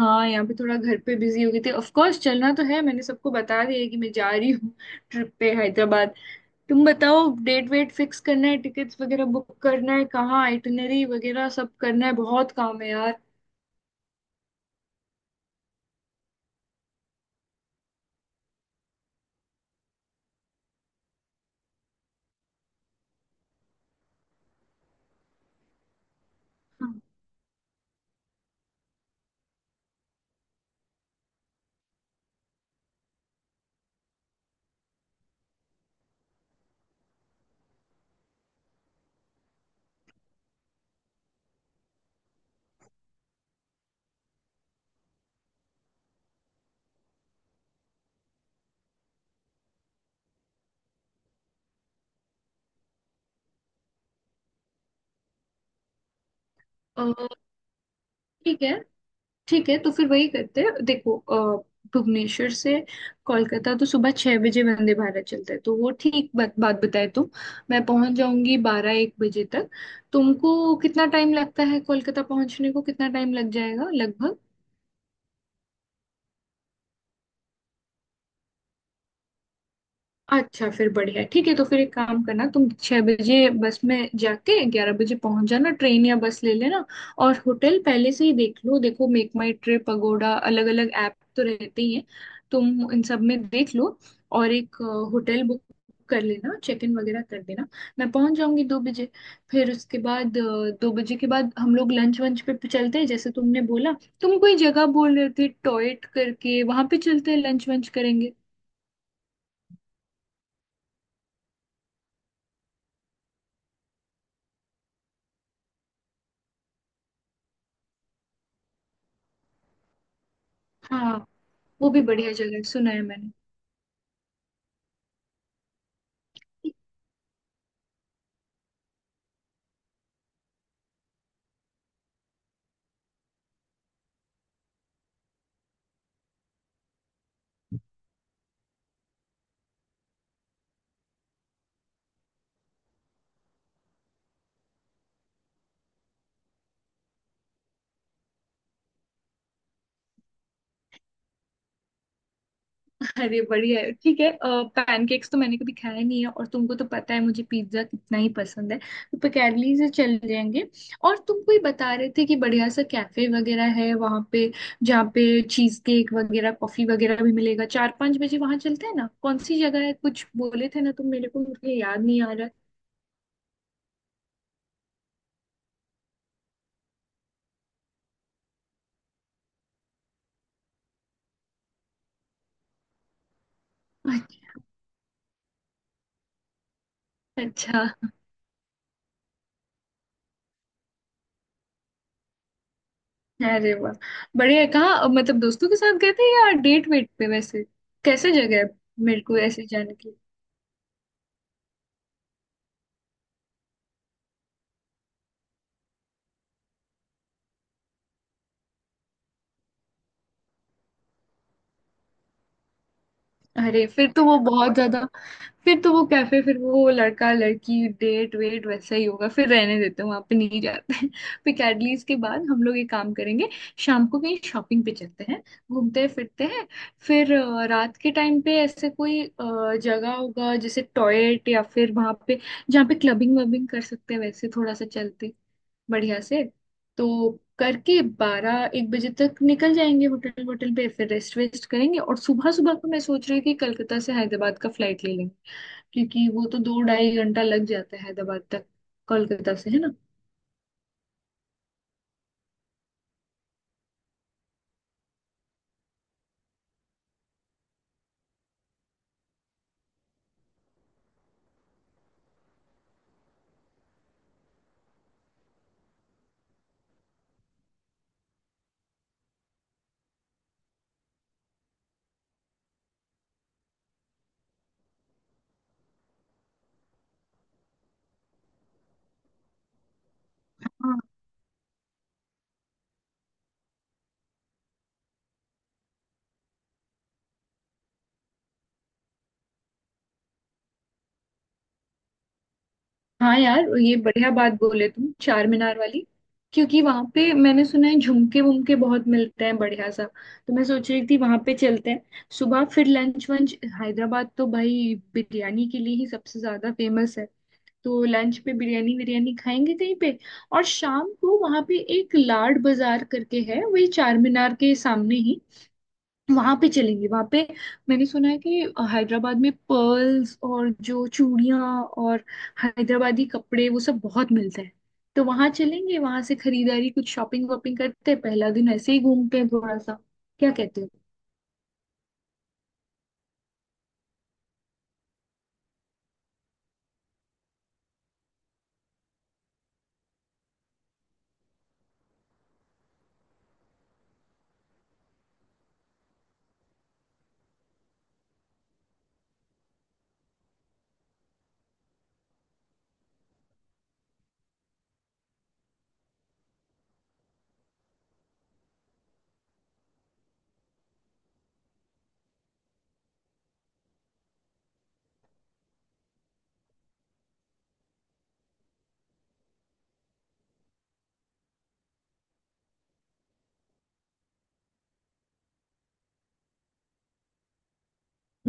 हाँ, यहाँ पे थोड़ा घर पे बिजी हो गई थी। ऑफ कोर्स चलना तो है, मैंने सबको बता दिया है कि मैं जा रही हूँ ट्रिप पे हैदराबाद। तुम बताओ, डेट वेट फिक्स करना है, टिकट्स वगैरह बुक करना है, कहाँ आइटनरी वगैरह सब करना है, बहुत काम है यार। हाँ। अ, ठीक है। ठीक है, तो फिर वही करते हैं, देखो भुवनेश्वर से कोलकाता तो सुबह 6 बजे वंदे भारत चलता है, तो वो ठीक बात बात बताए तुम। मैं पहुंच जाऊंगी 12 एक बजे तक। तुमको कितना टाइम लगता है कोलकाता पहुंचने को, कितना टाइम लग जाएगा लगभग। अच्छा फिर बढ़िया है। ठीक है, तो फिर एक काम करना, तुम 6 बजे बस में जाके 11 बजे पहुंच जाना, ट्रेन या बस ले लेना। और होटल पहले से ही देख लो, देखो मेक माई ट्रिप, पगोडा, अलग अलग ऐप तो रहते ही हैं, तुम इन सब में देख लो। और एक होटल बुक कर लेना, चेक इन वगैरह कर देना। मैं पहुंच जाऊंगी 2 बजे। फिर उसके बाद 2 बजे के बाद हम लोग लंच वंच पे पे चलते हैं जैसे तुमने बोला। तुम कोई जगह बोल रहे थे टॉयट करके, वहां पे चलते हैं, लंच वंच करेंगे। हाँ, वो भी बढ़िया जगह है, सुना है मैंने। अरे बढ़िया है। ठीक है, पैनकेक्स तो मैंने कभी खाया नहीं है, और तुमको तो पता है मुझे पिज्जा कितना ही पसंद है, तो पिकैडली से चल जाएंगे। और तुम कोई बता रहे थे कि बढ़िया सा कैफे वगैरह है वहाँ पे, जहाँ पे चीज केक वगैरह, कॉफी वगैरह भी मिलेगा, 4-5 बजे वहाँ चलते हैं ना। कौन सी जगह है, कुछ बोले थे ना तुम मेरे को, मुझे याद नहीं आ रहा। अच्छा। अरे वाह, बढ़िया है। कहाँ मतलब दोस्तों के साथ गए थे या डेट वेट पे, वैसे कैसे जगह है, मेरे को ऐसे जाने की। अरे फिर तो वो बहुत ज्यादा, फिर तो वो कैफे, फिर वो लड़का लड़की डेट वेट वैसा ही होगा, फिर रहने देते हैं, वहां पे नहीं जाते हैं। फिर कैडलीज के बाद हम लोग एक काम करेंगे, शाम को कहीं शॉपिंग पे चलते हैं, घूमते हैं, फिरते हैं। फिर रात के टाइम पे ऐसे कोई जगह होगा जैसे टॉयलेट, या फिर वहां पे जहाँ पे क्लबिंग वबिंग कर सकते हैं, वैसे थोड़ा सा चलते बढ़िया से। तो करके 12 एक बजे तक निकल जाएंगे, होटल होटल पे फिर रेस्ट वेस्ट करेंगे। और सुबह सुबह को मैं सोच रही थी कलकत्ता से हैदराबाद का फ्लाइट ले लेंगे, क्योंकि वो तो 2-2.5 घंटा लग जाता है हैदराबाद तक, कोलकाता से, है ना। हाँ यार, ये बढ़िया बात बोले तुम, चार मीनार वाली। क्योंकि वहां पे मैंने सुना है झुमके वुमके बहुत मिलते हैं बढ़िया सा, तो मैं सोच रही थी वहां पे चलते हैं। सुबह फिर लंच वंच, हैदराबाद तो भाई बिरयानी के लिए ही सबसे ज्यादा फेमस है, तो लंच पे बिरयानी विरयानी खाएंगे कहीं पे। और शाम को वहां पे एक लाड बाजार करके है, वही चार मीनार के सामने ही, वहां पे चलेंगे। वहां पे मैंने सुना है कि हैदराबाद में पर्ल्स, और जो चूड़ियां और हैदराबादी कपड़े वो सब बहुत मिलते हैं, तो वहां चलेंगे, वहां से खरीदारी, कुछ शॉपिंग वॉपिंग करते हैं, पहला दिन ऐसे ही घूमते हैं थोड़ा सा। क्या कहते हो।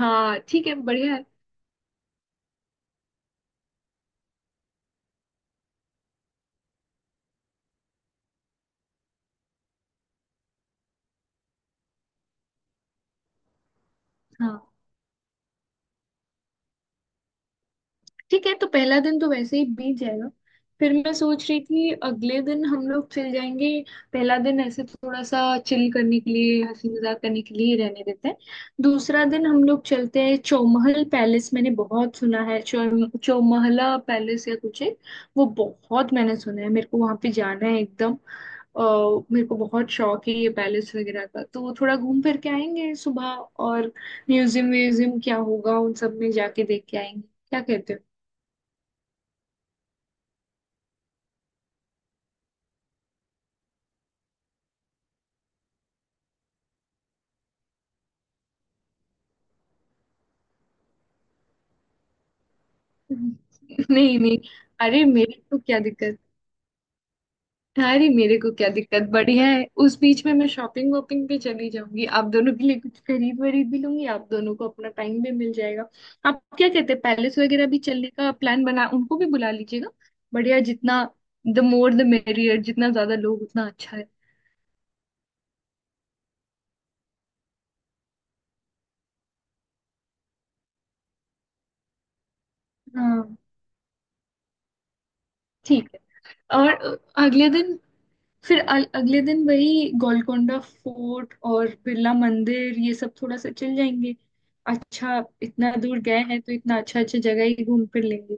हाँ ठीक है, बढ़िया है। हाँ ठीक है, तो पहला दिन तो वैसे ही बीत जाएगा। फिर मैं सोच रही थी अगले दिन हम लोग चल जाएंगे, पहला दिन ऐसे थोड़ा सा चिल करने के लिए, हंसी मजाक करने के लिए ही रहने देते हैं। दूसरा दिन हम लोग चलते हैं चौमहल पैलेस, मैंने बहुत सुना है, चौ चौमहला पैलेस या कुछ है। वो बहुत मैंने सुना है, मेरे को वहां पे जाना है एकदम। अ, मेरे को बहुत शौक है ये पैलेस वगैरह का, तो वो थोड़ा घूम फिर के आएंगे सुबह। और म्यूजियम व्यूजियम क्या होगा उन सब में जाके देख के आएंगे, क्या कहते हो। नहीं नहीं, अरे मेरे को क्या दिक्कत। अरे मेरे को क्या दिक्कत, बढ़िया है। उस बीच में मैं शॉपिंग वॉपिंग पे चली जाऊंगी, आप दोनों के लिए कुछ खरीद वरीद भी लूंगी, आप दोनों को अपना टाइम भी मिल जाएगा। आप क्या कहते हैं, पैलेस वगैरह भी चलने का प्लान बना, उनको भी बुला लीजिएगा। बढ़िया, जितना, द मोर द मेरियर, जितना ज्यादा लोग उतना अच्छा है। हाँ ठीक है। और अगले दिन, फिर अगले दिन वही गोलकोंडा फोर्ट और बिरला मंदिर, ये सब थोड़ा सा चल जाएंगे। अच्छा, इतना दूर गए हैं तो इतना अच्छा अच्छा जगह ही घूम फिर लेंगे।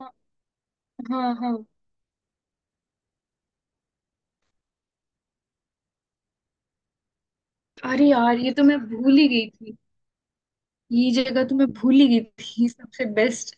हाँ हाँ हाँ। अरे यार, ये तो मैं भूल ही गई थी। ये जगह तो मैं भूल ही गई थी। सबसे बेस्ट।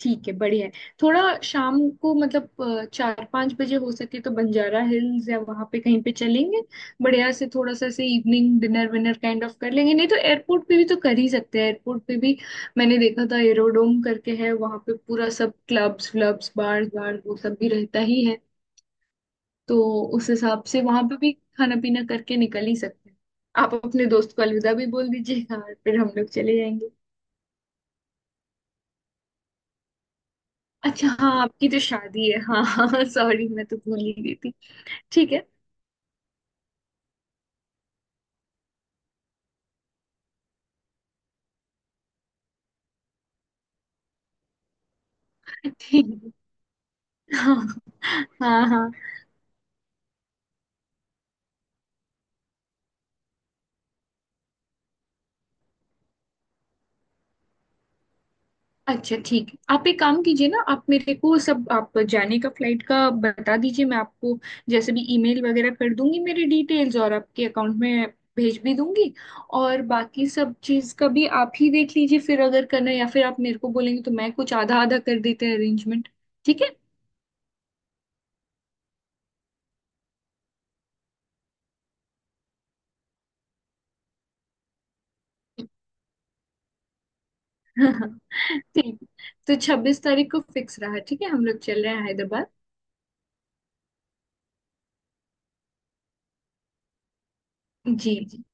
ठीक है, बढ़िया है। थोड़ा शाम को मतलब 4-5 बजे हो सके तो बंजारा हिल्स या वहां पे कहीं पे चलेंगे, बढ़िया से थोड़ा सा ऐसे इवनिंग डिनर विनर काइंड ऑफ कर लेंगे। नहीं तो एयरपोर्ट पे भी तो कर ही सकते हैं, एयरपोर्ट पे भी मैंने देखा था एरोडोम करके है वहां पे, पूरा सब क्लब्स व्लब्स बार्स बार वो सब भी रहता ही है। तो उस हिसाब से वहां पे भी खाना पीना करके निकल ही सकते हैं। आप अपने दोस्त को अलविदा भी बोल दीजिएगा और फिर हम लोग चले जाएंगे। अच्छा हाँ, आपकी तो शादी है, हाँ हाँ, सॉरी मैं तो भूल ही गई थी। ठीक है। ठीक है। हाँ हाँ हाँ। अच्छा ठीक है, आप एक काम कीजिए ना, आप मेरे को सब, आप जाने का फ्लाइट का बता दीजिए, मैं आपको जैसे भी ईमेल वगैरह कर दूंगी मेरी डिटेल्स, और आपके अकाउंट में भेज भी दूंगी। और बाकी सब चीज़ का भी आप ही देख लीजिए फिर, अगर करना है या फिर आप मेरे को बोलेंगे तो मैं कुछ आधा आधा कर देते हैं अरेंजमेंट। ठीक है। ठीक है। तो 26 तारीख को फिक्स रहा, ठीक है, हम लोग चल रहे हैं हैदराबाद। जी जी।